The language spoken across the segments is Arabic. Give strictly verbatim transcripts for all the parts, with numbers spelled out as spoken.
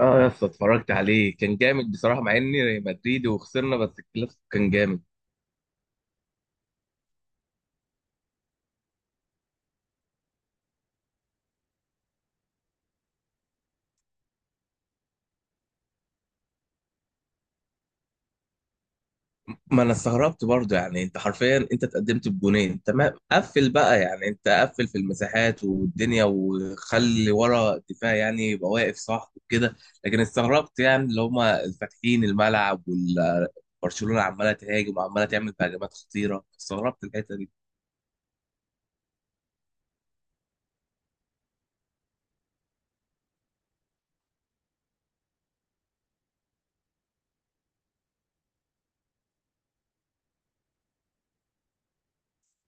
اه يا اسطى اتفرجت عليه، كان جامد بصراحه مع اني مدريدي وخسرنا، بس الكلاسيكو كان جامد. ما انا استغربت برضه، يعني انت حرفيا انت اتقدمت بجونين، تمام، قفل بقى، يعني انت قفل في المساحات والدنيا وخلي ورا الدفاع، يعني يبقى واقف صح وكده. لكن استغربت يعني اللي هم فاتحين الملعب، وبرشلونه عماله تهاجم وعماله تعمل هجمات خطيره، استغربت الحته دي.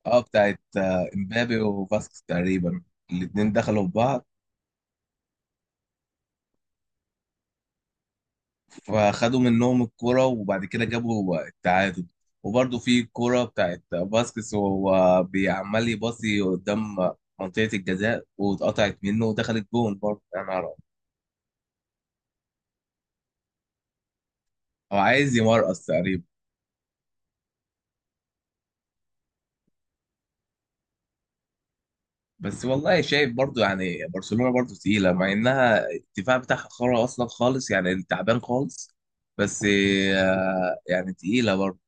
اه بتاعت آه، امبابي وفاسكس تقريبا. الاتنين دخلوا في بعض، فخدوا منهم الكرة، وبعد كده جابوا التعادل. وبرضه في الكرة بتاعت باسكس وهو بيعمل يباصي قدام منطقة الجزاء، واتقطعت منه ودخلت جون برضه يعني. هو عايز يمرقص تقريبا. بس والله شايف برضه يعني برشلونة برضه تقيلة، مع إنها الدفاع بتاعها خرا أصلا خالص، يعني تعبان خالص، بس آه، يعني تقيلة برضه.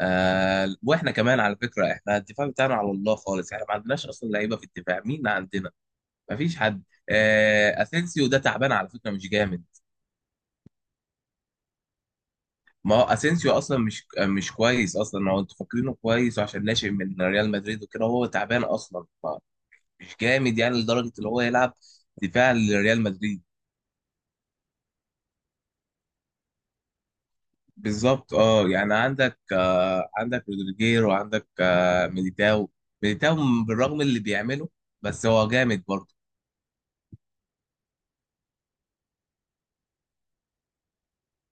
آه، واحنا كمان على فكرة، احنا الدفاع بتاعنا على الله خالص، يعني ما عندناش أصلا لعيبة في الدفاع. مين عندنا؟ مفيش حد. آه، اسينسيو ده تعبان على فكره، مش جامد. ما هو اسينسيو اصلا مش مش كويس اصلا، هو انتوا فاكرينه كويس عشان ناشئ من ريال مدريد وكده، هو تعبان اصلا. ما- مش جامد، يعني لدرجه اللي هو يلعب دفاع لريال مدريد. بالظبط. اه يعني عندك آه عندك رودريجير، وعندك آه ميليتاو ميليتاو بالرغم اللي بيعمله بس هو جامد برضه.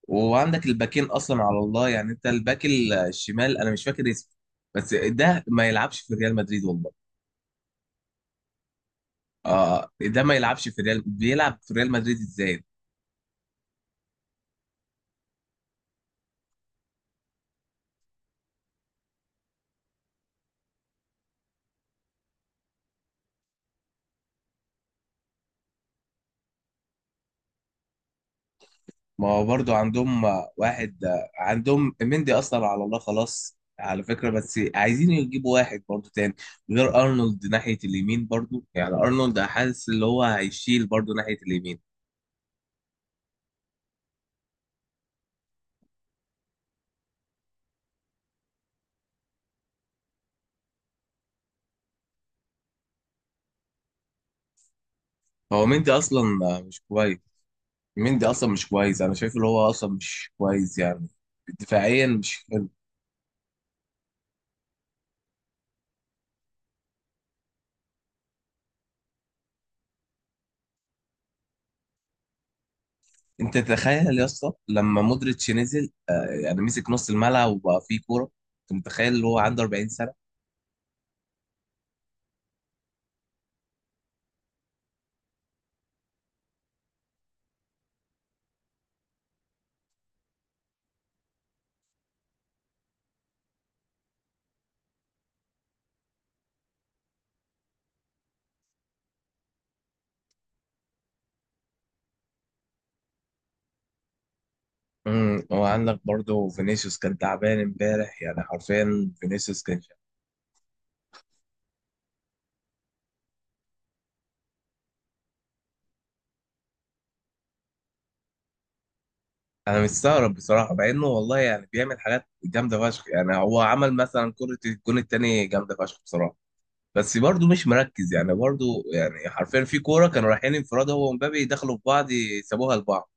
وعندك الباكين اصلا على الله يعني. انت الباك الشمال انا مش فاكر اسمه، بس ده ما يلعبش في ريال مدريد والله. اه، ده ما يلعبش في ريال، بيلعب في ريال مدريد ازاي؟ ما هو برضو عندهم آه، واحد، آه، عندهم مندي، اثر على الله خلاص على فكرة، بس عايزين يجيبوا واحد برضو تاني غير ارنولد ناحية اليمين. برضو يعني ارنولد حاسس اللي هو هيشيل برضو ناحية اليمين. هو مندي اصلا آه، مش كويس. مندي اصلا مش كويس، انا شايف اللي هو اصلا مش كويس يعني، دفاعيا مش حلو. انت تخيل يا اسطى لما مودريتش نزل، آه، يعني مسك نص الملعب وبقى فيه كورة. انت متخيل اللي هو عنده أربعين؟ امم وعندك برضو فينيسيوس كان تعبان امبارح، يعني حرفيا فينيسيوس كان شا- انا مستغرب بصراحه، مع انه والله يعني بيعمل حاجات جامده فشخ، يعني هو عمل مثلا كره الجون التاني جامده فشخ بصراحه، بس برضو مش مركز يعني برضو. يعني حرفيا في كوره كانوا رايحين انفراد، هو ومبابي دخلوا في بعض، سابوها لبعض.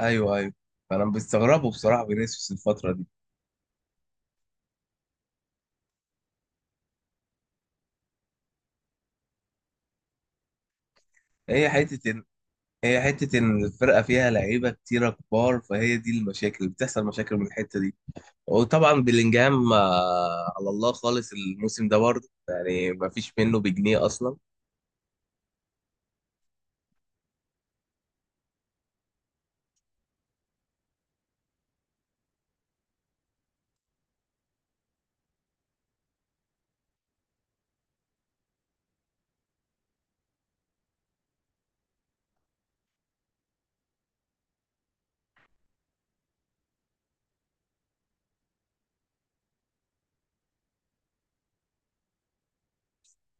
ايوه، ايوه. فانا بستغربه بصراحه فينيسيوس الفتره دي. هي حته ان هي حته ان الفرقه فيها لعيبه كتيره كبار، فهي دي، المشاكل بتحصل مشاكل من الحته دي. وطبعا بلينجهام آه، على الله خالص الموسم ده برضه، يعني ما فيش منه بجنيه اصلا.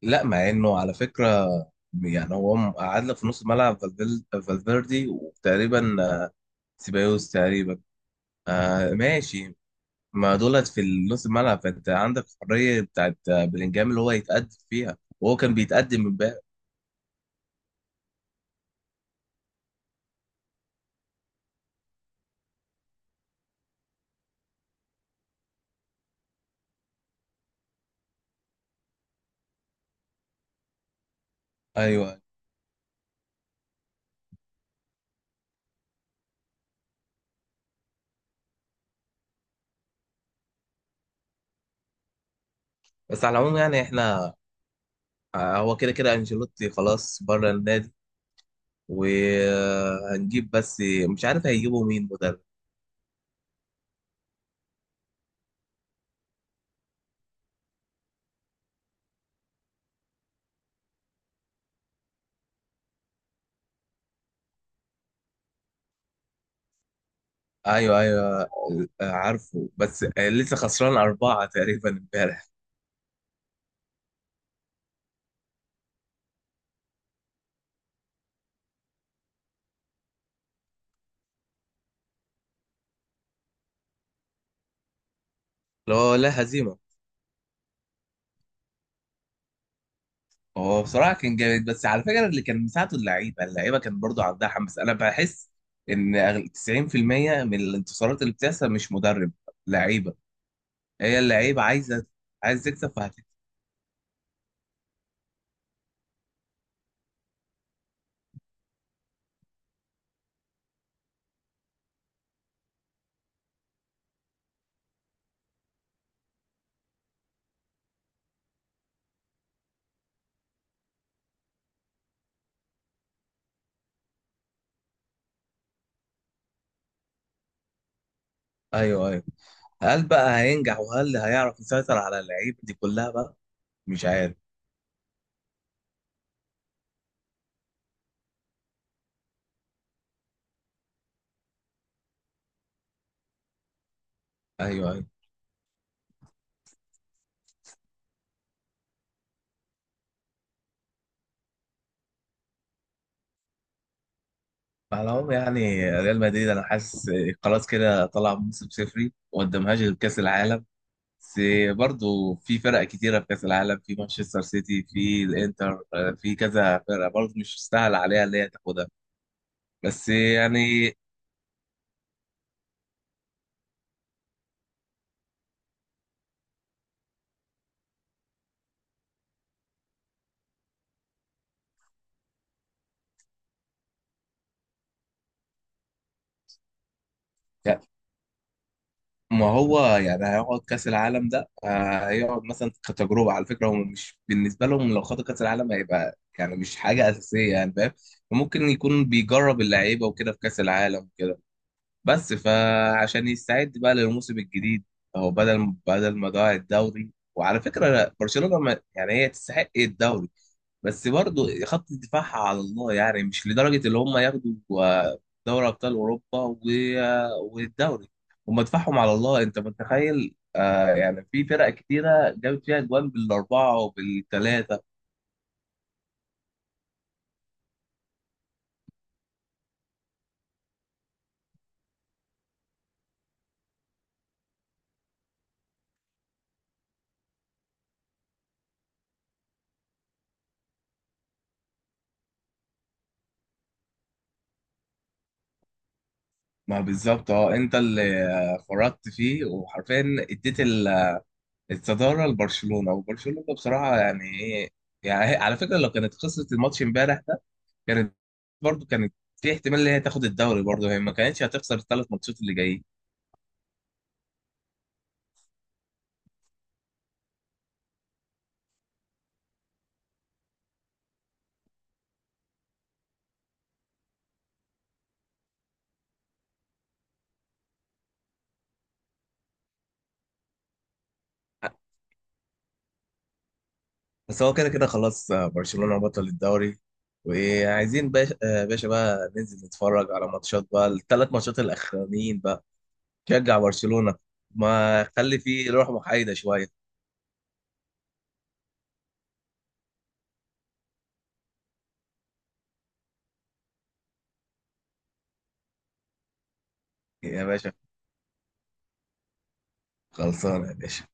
لا مع انه على فكره، يعني هو م- قعدنا في نص ملعب فالفيل- فالفيردي، وتقريبا آه، سيبايوس تقريبا. آه ماشي. ما دولت في نص الملعب، فانت عندك حريه بتاعت آه، بلينجهام اللي هو يتقدم فيها، وهو كان بيتقدم من بقى. ايوه، بس على العموم يعني احنا آه، هو كده كده انشيلوتي خلاص بره النادي، وهنجيب بس مش عارف هيجيبوا مين مدرب. ايوه ايوه. آه، عارفه، بس آه، لسه خسران اربعه تقريبا امبارح. لا لا، هزيمه. هو بصراحه كان جامد، بس على فكره اللي كان مساعده اللعيبه، اللعيبه كان برضو عندها حماس. انا بحس ان أغل- تسعين في المية من الانتصارات اللي بتحصل مش مدرب، لعيبه. هي اللعيبه عايزه عايز تكسب فهتكسب. ايوه ايوه. هل بقى هينجح، وهل هيعرف يسيطر على اللعيبه دي كلها بقى؟ مش عارف. ايوه ايوه. على العموم يعني ريال مدريد انا حاسس خلاص كده طلع موسم صفري، وما قدامهاش غير كاس العالم. بس برضه في فرق كتيره في كاس العالم، في مانشستر سيتي، في الانتر، في كذا فرقه برضه مش سهل عليها اللي هي تاخدها بس يعني. ما هو يعني هيقعد كاس العالم ده، آه، هيقعد مثلا كتجربه. على فكره هم مش بالنسبه لهم لو خدوا كاس العالم هيبقى يعني مش حاجه اساسيه، يعني فاهم. ممكن يكون بيجرب اللعيبه وكده في كاس العالم، بس فعشان يستعد بقى للموسم الجديد، هو بدل بدل ما ضاع الدوري، وعلى فكره برشلونه ما- يعني هي تستحق الدوري، بس برضه خط دفاعها على الله، يعني مش لدرجه اللي هم ياخدوا آه، دوري ابطال اوروبا و- آه، والدوري. هم دفاعهم على الله، انت متخيل آه يعني في فرق كتيره جابت فيها اجوان بالاربعه وبالثلاثه. ما بالظبط اه، انت اللي آه، فرطت فيه، وحرفيا اديت الصدارة لبرشلونة. وبرشلونة بصراحة يعني ايه يعني، هي- على فكرة لو كانت خسرت الماتش امبارح ده، كانت برضو كانت في احتمال ان هي تاخد الدوري برضو، هي ما كانتش هتخسر الثلاث ماتشات اللي جايين. بس هو كده كده خلاص آه، برشلونة بطل الدوري، وعايزين باشا، آه، باشا بقى ننزل نتفرج على ماتشات بقى، الثلاث ماتشات الاخرانيين بقى. شجع برشلونة، ما خلي فيه روح محايدة شوية يا باشا. خلصانة يا باشا.